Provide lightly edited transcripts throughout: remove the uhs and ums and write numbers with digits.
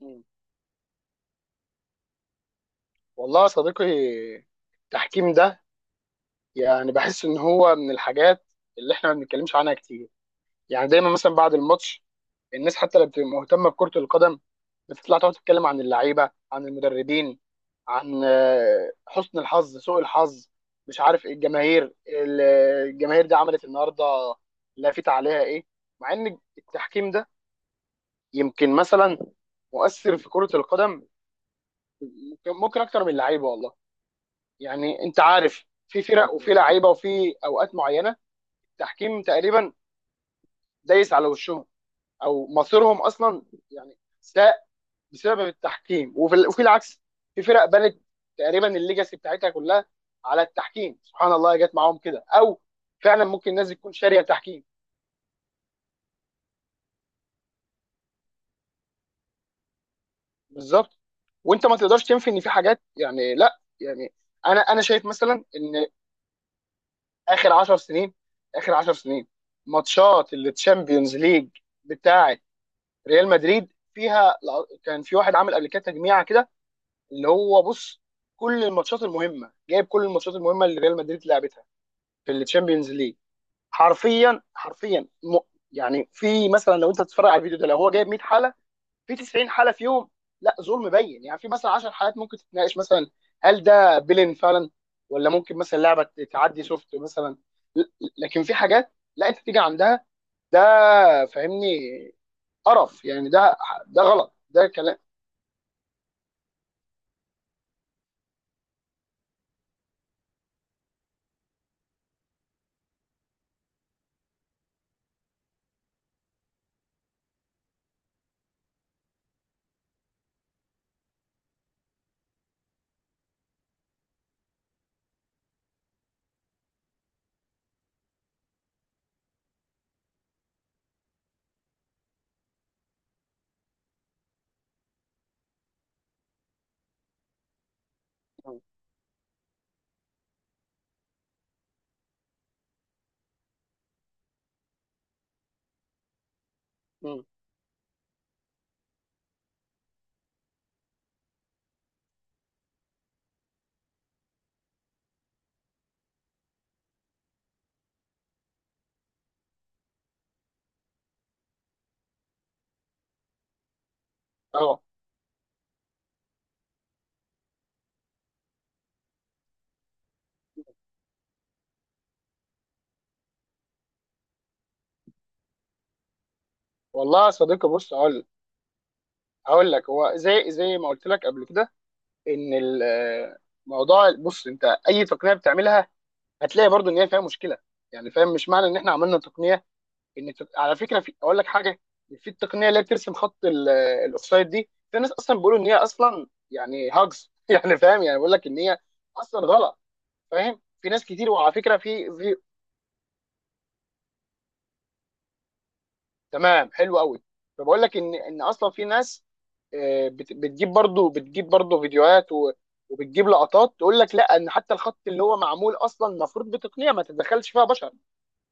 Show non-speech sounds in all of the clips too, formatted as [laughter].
مم. والله يا صديقي، التحكيم ده يعني بحس ان هو من الحاجات اللي احنا ما بنتكلمش عنها كتير. يعني دايما مثلا بعد الماتش، الناس حتى اللي بتبقى مهتمه بكره القدم بتطلع تقعد تتكلم عن اللعيبه، عن المدربين، عن حسن الحظ، سوء الحظ، مش عارف إيه. الجماهير الجماهير دي عملت النهارده، لافت عليها ايه، مع ان التحكيم ده يمكن مثلا مؤثر في كره القدم، ممكن اكتر من اللعيبه. والله يعني انت عارف، في فرق وفي لعيبه وفي اوقات معينه التحكيم تقريبا دايس على وشهم او مصيرهم اصلا. يعني ساء بسبب التحكيم، وفي العكس، في فرق بنت تقريبا الليجاسي بتاعتها كلها على التحكيم، سبحان الله جت معاهم كده، او فعلا ممكن الناس تكون شاريه تحكيم. بالظبط. وانت ما تقدرش تنفي ان في حاجات، يعني لا يعني انا شايف مثلا ان اخر 10 سنين اخر 10 سنين، ماتشات التشامبيونز ليج بتاعه ريال مدريد فيها، كان في واحد عامل قبل كده تجميعه كده، اللي هو بص، كل الماتشات المهمه، جايب كل الماتشات المهمه اللي ريال مدريد لعبتها في الشامبيونز ليج، حرفيا حرفيا. يعني في مثلا، لو انت تتفرج على الفيديو ده، لو هو جايب 100 حاله، في 90 حاله فيهم لا ظلم بين. يعني في مثلا 10 حالات ممكن تتناقش، مثلا هل ده بيلين فعلا، ولا ممكن مثلا لعبه تعدي سوفت مثلا. ل- لكن في حاجات لا، انت تيجي عندها ده، فاهمني، قرف يعني. ده غلط، ده كلام. مم. اه، والله يا صديقي، بص، هقول لك، هو زي ما قلت لك قبل كده، ان الموضوع بص، انت اي تقنيه بتعملها هتلاقي برضو ان هي فيها مشكله. يعني فاهم، مش معنى ان احنا عملنا تقنيه ان على فكره، في، اقول لك حاجه، في التقنيه اللي هي بترسم خط الاوفسايد دي، في ناس اصلا بيقولوا ان هي اصلا يعني هاجز [laughs] يعني فاهم، يعني بيقول لك ان هي اصلا غلط. فاهم، في ناس كتير، وعلى فكره في تمام، حلو قوي. فبقول لك ان اصلا في ناس بتجيب برضو فيديوهات، وبتجيب لقطات تقول لك لا، ان حتى الخط اللي هو معمول اصلا المفروض بتقنيه ما تتدخلش فيها بشر،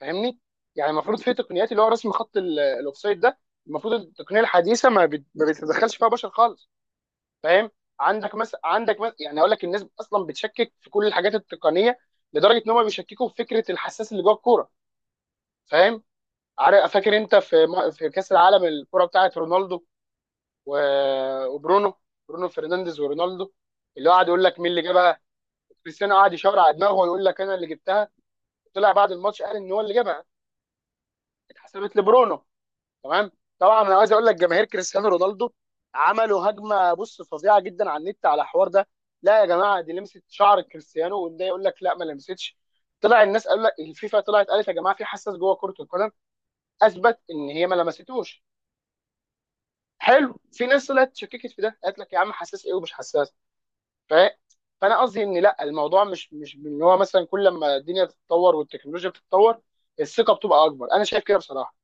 فاهمني. يعني المفروض في تقنيات اللي هو رسم خط الاوفسايد ده، المفروض التقنيه الحديثه ما بتتدخلش فيها بشر خالص، فاهم؟ عندك مثلا، يعني اقول لك، الناس اصلا بتشكك في كل الحاجات التقنيه، لدرجه ان هم بيشككوا في فكره الحساس اللي جوه الكوره، فاهم؟ عارف فاكر انت، في في كاس العالم، الكره بتاعت رونالدو وبرونو، برونو فرنانديز ورونالدو، اللي هو قعد يقول لك مين اللي جابها. كريستيانو قعد يشاور على دماغه ويقول لك انا اللي جبتها. طلع بعد الماتش قال ان هو اللي جابها، اتحسبت لبرونو. تمام. طبعا انا عايز اقول لك، جماهير كريستيانو رونالدو عملوا هجمه، بص، فظيعه جدا على النت، على الحوار ده. لا يا جماعه، دي لمست شعر كريستيانو، وده يقول لك لا ما لمستش. طلع الناس قال لك الفيفا طلعت قالت يا جماعه في حساس جوه كره القدم، اثبت ان هي ما لمستوش. حلو. في ناس طلعت شككت في ده، قالت لك يا عم، حساس ايه ومش حساس. ف... فانا قصدي ان لا، الموضوع مش ان هو مثلا كل ما الدنيا بتتطور والتكنولوجيا بتتطور الثقه بتبقى اكبر. انا شايف كده بصراحه.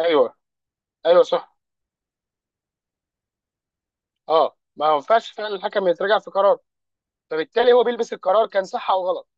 ايوه، ايوه، صح. اه، ما ينفعش فعلا الحكم يتراجع في قرار، فبالتالي هو بيلبس القرار كان صح او غلط.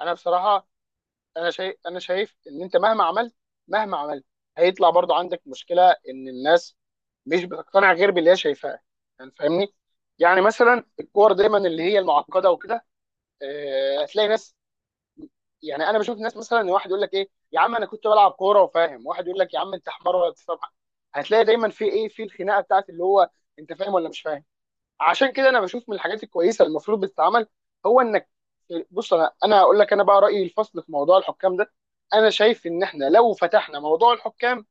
انا بصراحه انا شايف ان انت مهما عملت، مهما عملت هيطلع برضو عندك مشكله، ان الناس مش بتقتنع غير باللي هي شايفاه. يعني فاهمني. يعني مثلا الكور دايما اللي هي المعقده وكده، هتلاقي ناس، يعني انا بشوف ناس مثلا، ان واحد يقول لك ايه يا عم انا كنت بلعب كوره وفاهم، واحد يقول لك يا عم انت حمار ولا بتفهم حاجة. هتلاقي دايما في ايه، في الخناقه بتاعت اللي هو انت فاهم ولا مش فاهم. عشان كده انا بشوف من الحاجات الكويسه اللي المفروض بتتعمل، هو انك، بص، انا هقول لك، انا بقى رايي الفصل في موضوع الحكام ده. انا شايف ان احنا لو فتحنا موضوع الحكام،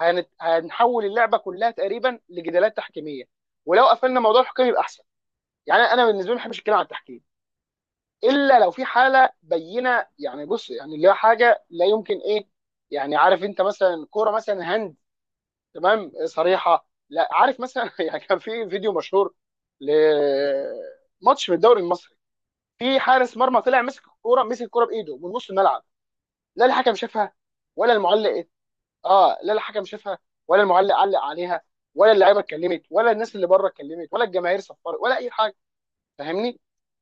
هنحول اللعبه كلها تقريبا لجدالات تحكيميه. ولو قفلنا موضوع الحكام يبقى احسن. يعني انا بالنسبه لي ما بحبش الكلام عن التحكيم، الا لو في حاله بينه. يعني بص، يعني اللي هو حاجه لا يمكن، ايه، يعني عارف انت مثلا، كوره مثلا هند، تمام، صريحه، لا، عارف مثلا [laughs] يعني كان في فيديو مشهور لماتش من الدوري المصري، في حارس مرمى طلع مسك الكوره بايده من نص الملعب. لا الحكم شافها، ولا المعلق إيه. اه، لا الحكم شافها، ولا المعلق علق عليها، ولا اللعيبه اتكلمت، ولا الناس اللي بره اتكلمت، ولا الجماهير صفرت، ولا اي حاجه، فاهمني؟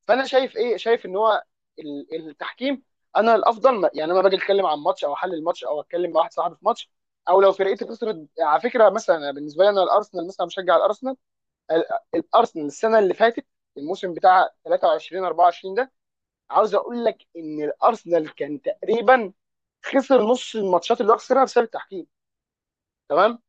فانا شايف ايه، شايف ان هو التحكيم، انا الافضل، ما يعني، انا باجي اتكلم عن ماتش او احلل ماتش او اتكلم مع واحد صاحبي في ماتش، او لو فرقتي خسرت. على فكره مثلا أنا بالنسبه لي، انا الارسنال مثلا، بشجع الارسنال. ال- الارسنال السنه اللي فاتت، الموسم بتاع 23 24 ده، عاوز اقول لك ان الارسنال كان تقريبا خسر نص الماتشات اللي هو خسرها بسبب التحكيم. تمام.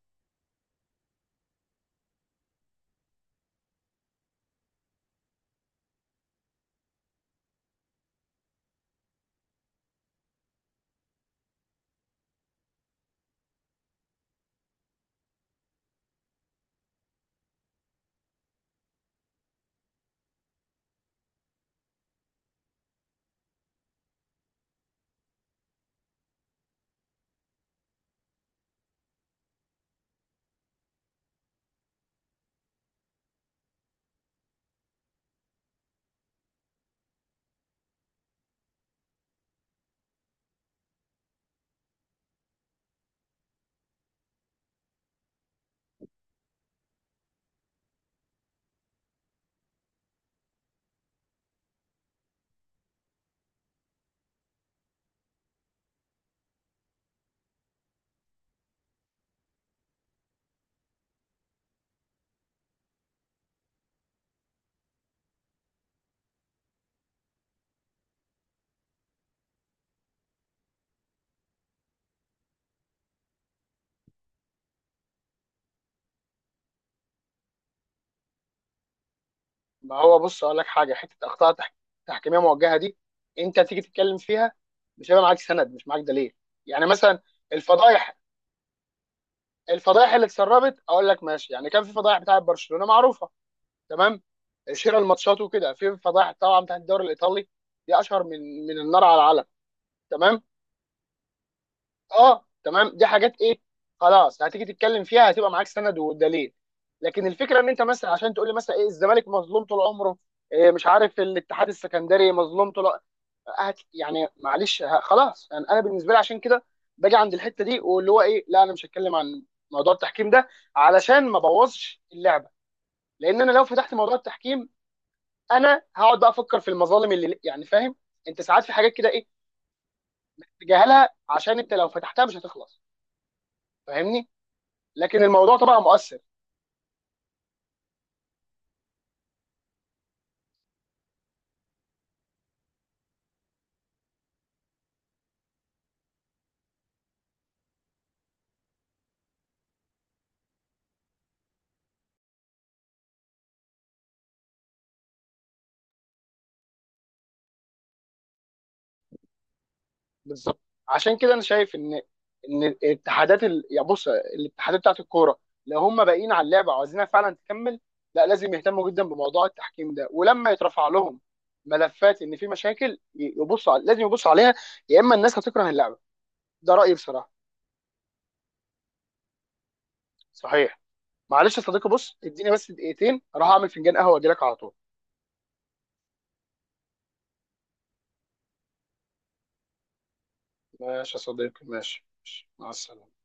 ما هو بص، اقول لك حاجه، حته اخطاء تحكيميه موجهه دي، انت تيجي تتكلم فيها، مش هيبقى معاك سند، مش معاك دليل. يعني مثلا الفضايح الفضايح اللي اتسربت، اقول لك ماشي، يعني كان في فضايح بتاعه برشلونه معروفه، تمام، شراء الماتشات وكده. في فضايح طبعا بتاعت الدوري الايطالي دي، اشهر من النار على العلم. تمام. اه، تمام، دي حاجات ايه، خلاص، هتيجي تتكلم فيها هتبقى معاك سند ودليل. لكن الفكره ان انت مثلا عشان تقول لي مثلا ايه، الزمالك مظلوم طول عمره، إيه، مش عارف الاتحاد السكندري مظلوم طول، هت يعني، معلش، خلاص يعني، انا بالنسبه لي عشان كده باجي عند الحته دي، واللي هو ايه، لا، انا مش هتكلم عن موضوع التحكيم ده علشان ما بوظش اللعبه. لان انا لو فتحت موضوع التحكيم، انا هقعد بقى افكر في المظالم اللي، يعني فاهم، انت ساعات في حاجات كده، ايه، تجاهلها، عشان انت لو فتحتها مش هتخلص، فاهمني. لكن الموضوع طبعا مؤثر. بالظبط، عشان كده انا شايف ان الاتحادات يعني بص، الاتحادات بتاعت الكوره، لو هم باقيين على اللعبه وعايزينها فعلا تكمل، لا، لازم يهتموا جدا بموضوع التحكيم ده. ولما يترفع لهم ملفات ان في مشاكل، لازم يبصوا عليها، يا اما الناس هتكره اللعبه. ده رايي بصراحه. صحيح. معلش يا صديقي، بص، اديني بس دقيقتين اروح اعمل فنجان قهوه واجي لك على طول. ماشي يا صديقي، ماشي ماشي. مع السلامه.